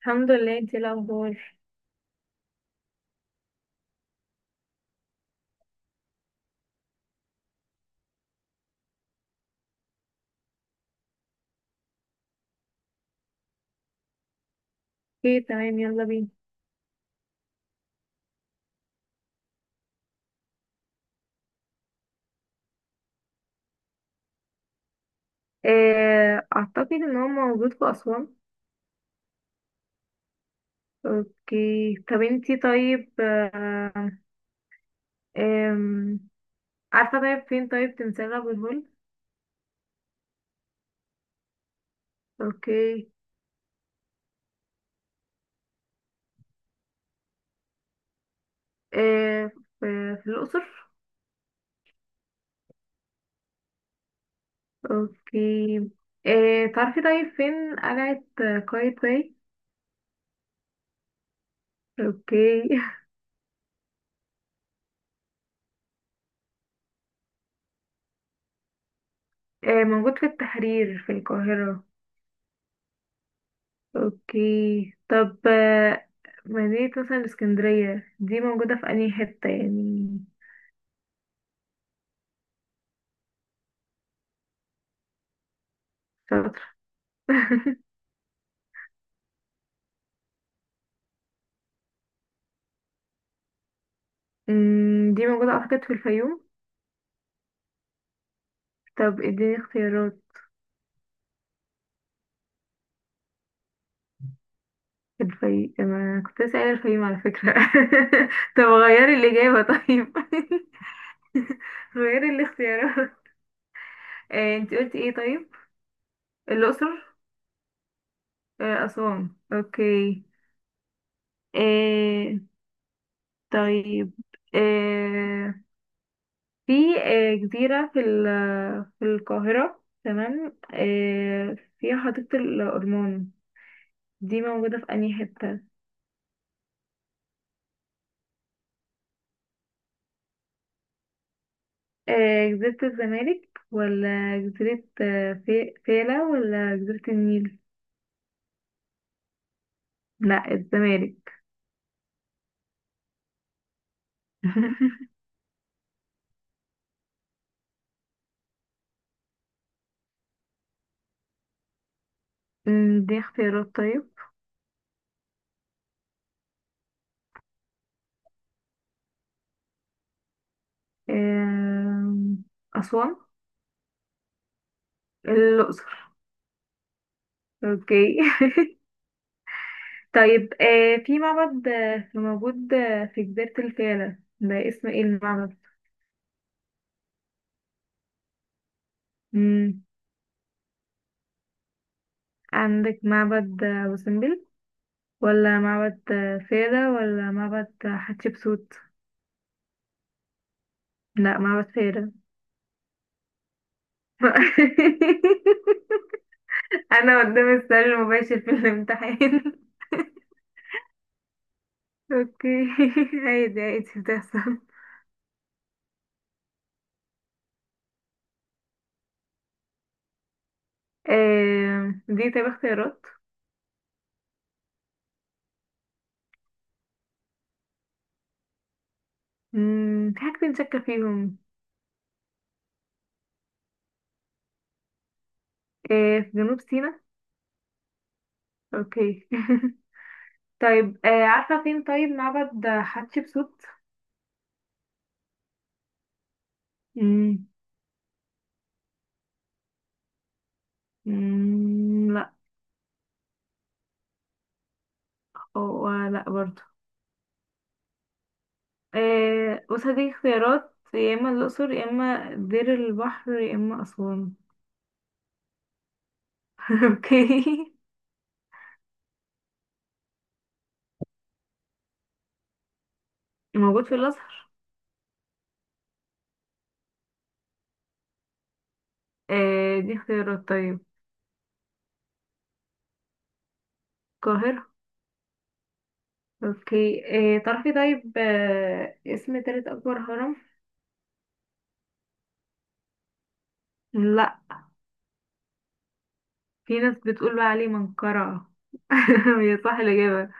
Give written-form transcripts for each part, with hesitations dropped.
الحمد لله، انتي ايه الاخبار؟ ايه، تمام، يلا بينا. اعتقد ان هو موجود في اسوان. اوكي، طب انتي طيب آه، آم، عارفه طيب فين طيب تمثال ابو الهول؟ اوكي. آه، في الاقصر. اوكي. تعرفي طيب فين قلعه قايتباي؟ اوكي. موجود في التحرير في القاهره. اوكي، طب مدينة مثلا الإسكندرية دي موجودة في أنهي حتة يعني؟ شاطر. دي موجودة أعتقد في الفيوم. طب اديني اختيارات. الفيوم، أنا كنت لسه قايلة الفيوم على فكرة. طب غيري الإجابة طيب. غيري الاختيارات. انت قلتي ايه طيب؟ الأقصر. أسوان، اوكي. آه، طيب، آه، في جزيرة في في القاهرة تمام، فيها حديقة الأورمان. دي موجودة في أنهي حتة؟ جزيرة الزمالك ولا جزيرة فيلة ولا جزيرة النيل؟ لا، الزمالك. دي اختيارات طيب. آم، أسوان. الأقصر. اوكي. طيب، في معبد موجود في جزيرة الفيلة، ده اسمه ايه المعبد؟ عندك معبد وسمبل ولا معبد فيلة ولا معبد حتشبسوت؟ لا، معبد فيلة. انا قدام السؤال المباشر في الامتحان. اوكي. عادي عادي، بتحصل. دي طيب اختيارات. في حاجتين شاكة فيهم. في جنوب سيناء. اوكي. طيب، عارفة فين طيب معبد حتشبسوت؟ مم. مم، لا. أو لا برضه. بص، هديك اختيارات: يا اما الاقصر، يا اما دير البحر، يا اما اسوان. اوكي. موجود في الازهر. دي اختيارات طيب. القاهره. اوكي. تعرفي طيب اسم تالت اكبر هرم؟ لا. في ناس بتقول بقى عليه منقرع. هي صح الاجابه؟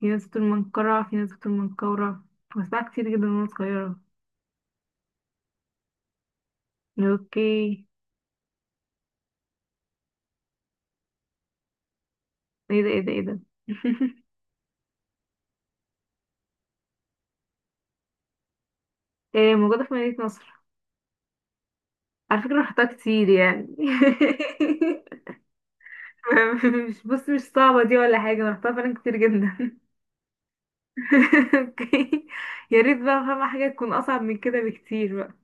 في ناس بتقول منقرع، في ناس بتقول منقورة. بسمعها كتير جدا وانا صغيره. اوكي. ايه ده، ايه ده، ايه ده! موجوده في مدينه نصر. على فكرة رحتها كتير يعني. مش، بص، مش صعبة دي ولا حاجة، أنا رحتها فعلا كتير جدا. اوكي. يا ريت بقى فاهمة حاجة تكون أصعب من كده بكتير بقى.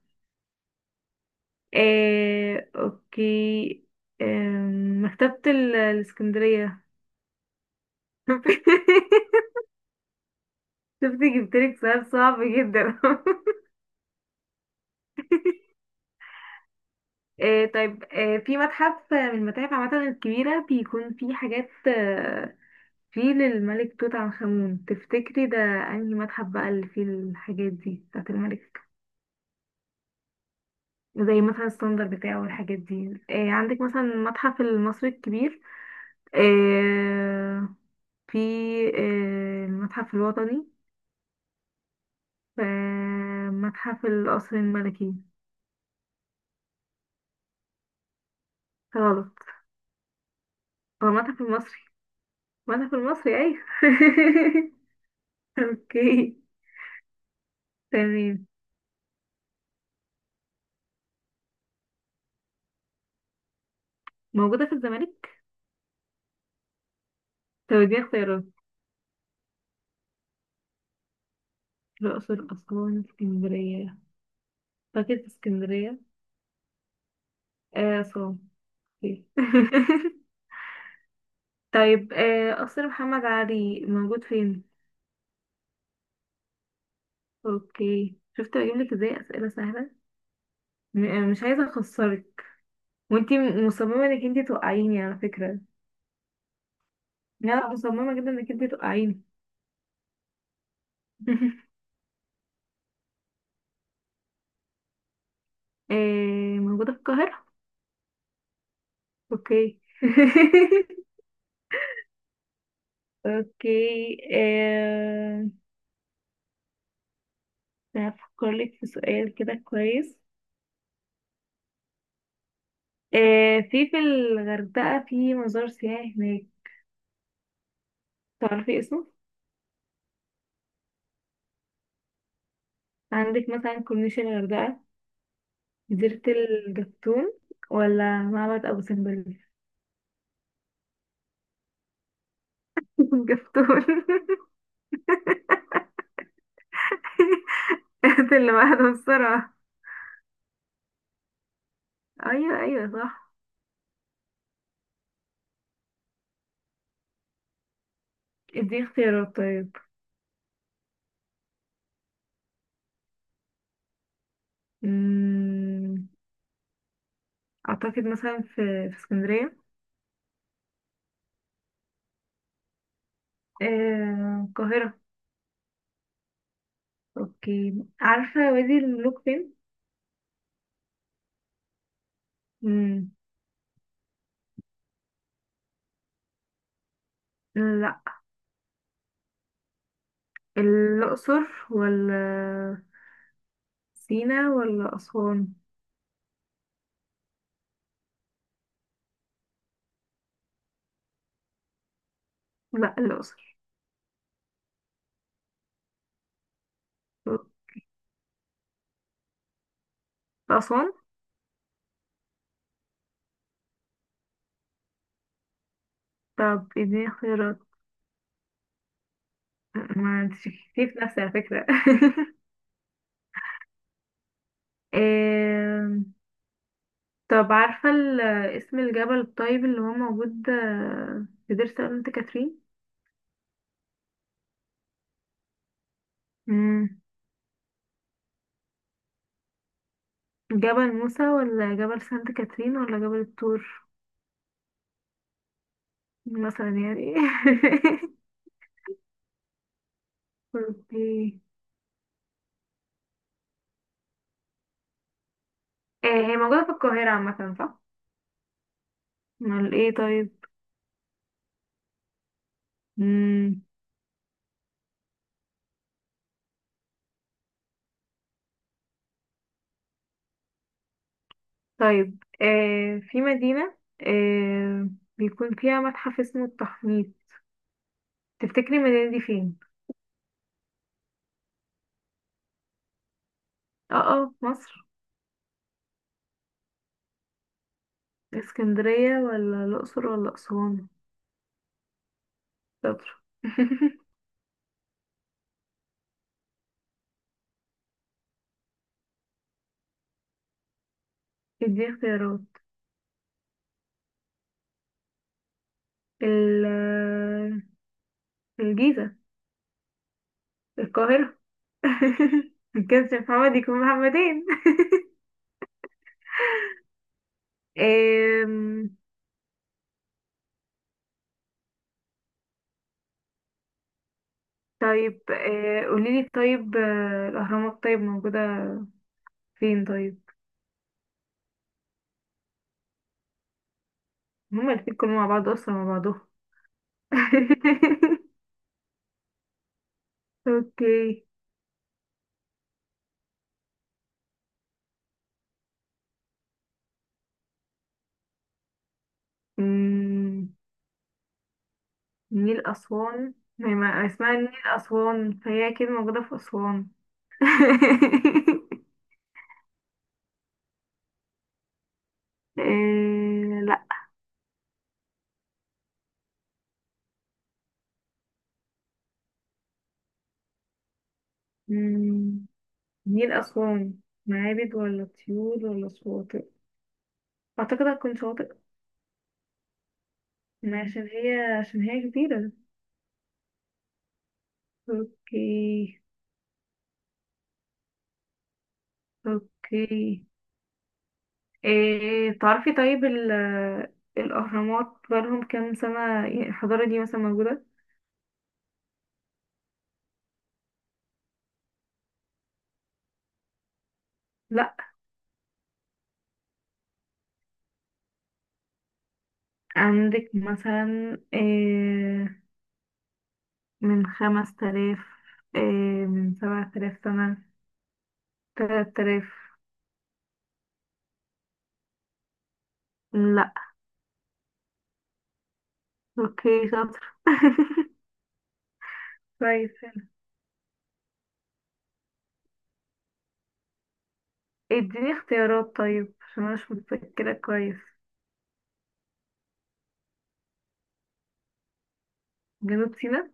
اوكي. مكتبة الإسكندرية. شفتي جبتلك سؤال صعب جدا. إيه طيب، إيه، في متحف من المتاحف عامة الكبيرة بيكون فيه حاجات فيل الملك توت عنخ آمون، تفتكري ده انهي متحف بقى اللي فيه الحاجات دي بتاعت الملك؟ زي مثلا الصندل بتاعه والحاجات دي. إيه، عندك مثلا المتحف المصري الكبير. إيه، في، إيه، المتحف الوطني. ف- متحف القصر الملكي. غلط. هو المتحف المصري. المتحف المصري، ايوه. اوكي. تمام. موجودة في الزمالك. طب دي اختيارات. الأقصر، أسوان، اسكندرية. فاكر اسكندرية. آه صح. اوكي. طيب، قصر محمد علي موجود فين؟ اوكي، شفت بجيبلك ازاي اسئله سهله. مش عايزه اخسرك. وانتي مصممه انك انتي توقعيني على فكره. لا لا، مصممه جدا انك انتي توقعيني. موجوده في القاهره. اوكي. اوكي، هفكر لك في سؤال كده كويس. في الغردقه في مزار سياحي هناك. تعرفي اسمه؟ عندك مثلا كورنيش الغردقه، جزيرة الجفتون، ولا معبد أبو سمبل. الجفتون. هات اللي بعده بسرعة. أيوه، أيوه، صح. ادي اختيارات طيب. أمم، أعتقد مثلا في اسكندرية. القاهرة. أوكي، عارفة وادي الملوك فين؟ أمم، لا. الأقصر ولا سينا ولا أسوان؟ لا، الأقصر. أسوان. طب اديني اختيارات. ما انت شكيتي في نفسي على فكرة. آه، طب عارفة اسم الجبل الطيب اللي هو موجود في دير سانت كاترين؟ مم. جبل موسى ولا جبل سانت كاترين ولا جبل الطور؟ مثلا يعني. اوكي. هي موجودة في القاهرة عامة، صح؟ امال ايه طيب؟ مم. طيب، في مدينة بيكون فيها متحف اسمه التحنيط. تفتكري المدينة دي فين؟ اه، اه، مصر. اسكندرية ولا الأقصر ولا أسوان؟ شاطر. دي اختيارات. ال آه، الجيزة. القاهرة. ما كانش محمد يكون محمدين. أم. طيب، قوليلي طيب الأهرامات طيب موجودة فين طيب؟ هما الاتنين كانوا مع بعض أصلا مع بعضهم. اوكي. أمم، نيل أسوان ما هي اسمها نيل أسوان، فهي أكيد موجودة في أسوان. أه، لا، نيل أسوان معابد ولا طيور ولا شواطئ؟ أعتقد هتكون شواطئ. ما عشان هي كبيرة. أوكي. أوكي. إيه، تعرفي طيب الأهرامات بقالهم كام سنة، يعني الحضارة دي مثلا موجودة؟ لأ. عندك مثلا إيه، من خمس تلاف، إيه، من سبعة تلاف سنة، تلات تلاف. لأ. أوكي، شاطر. كويس. اديني اختيارات طيب عشان انا مش متذكرة كويس. جنوب سيناء.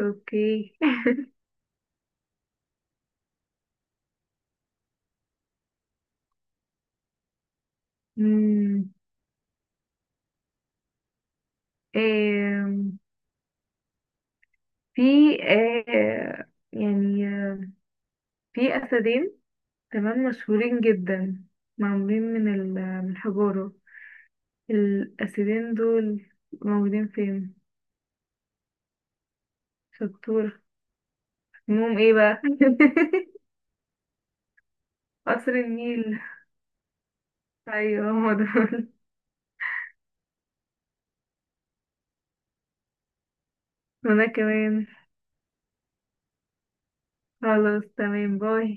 اوكي. أمم، آم، في يعني في اسدين، تمام، مشهورين جدا، معمولين من من الحجارة، الاسدين دول موجودين فين؟ شطور. اسمهم ايه بقى؟ قصر النيل. ايوه، هما دول. وانا كمان. خلاص، تمام، باي.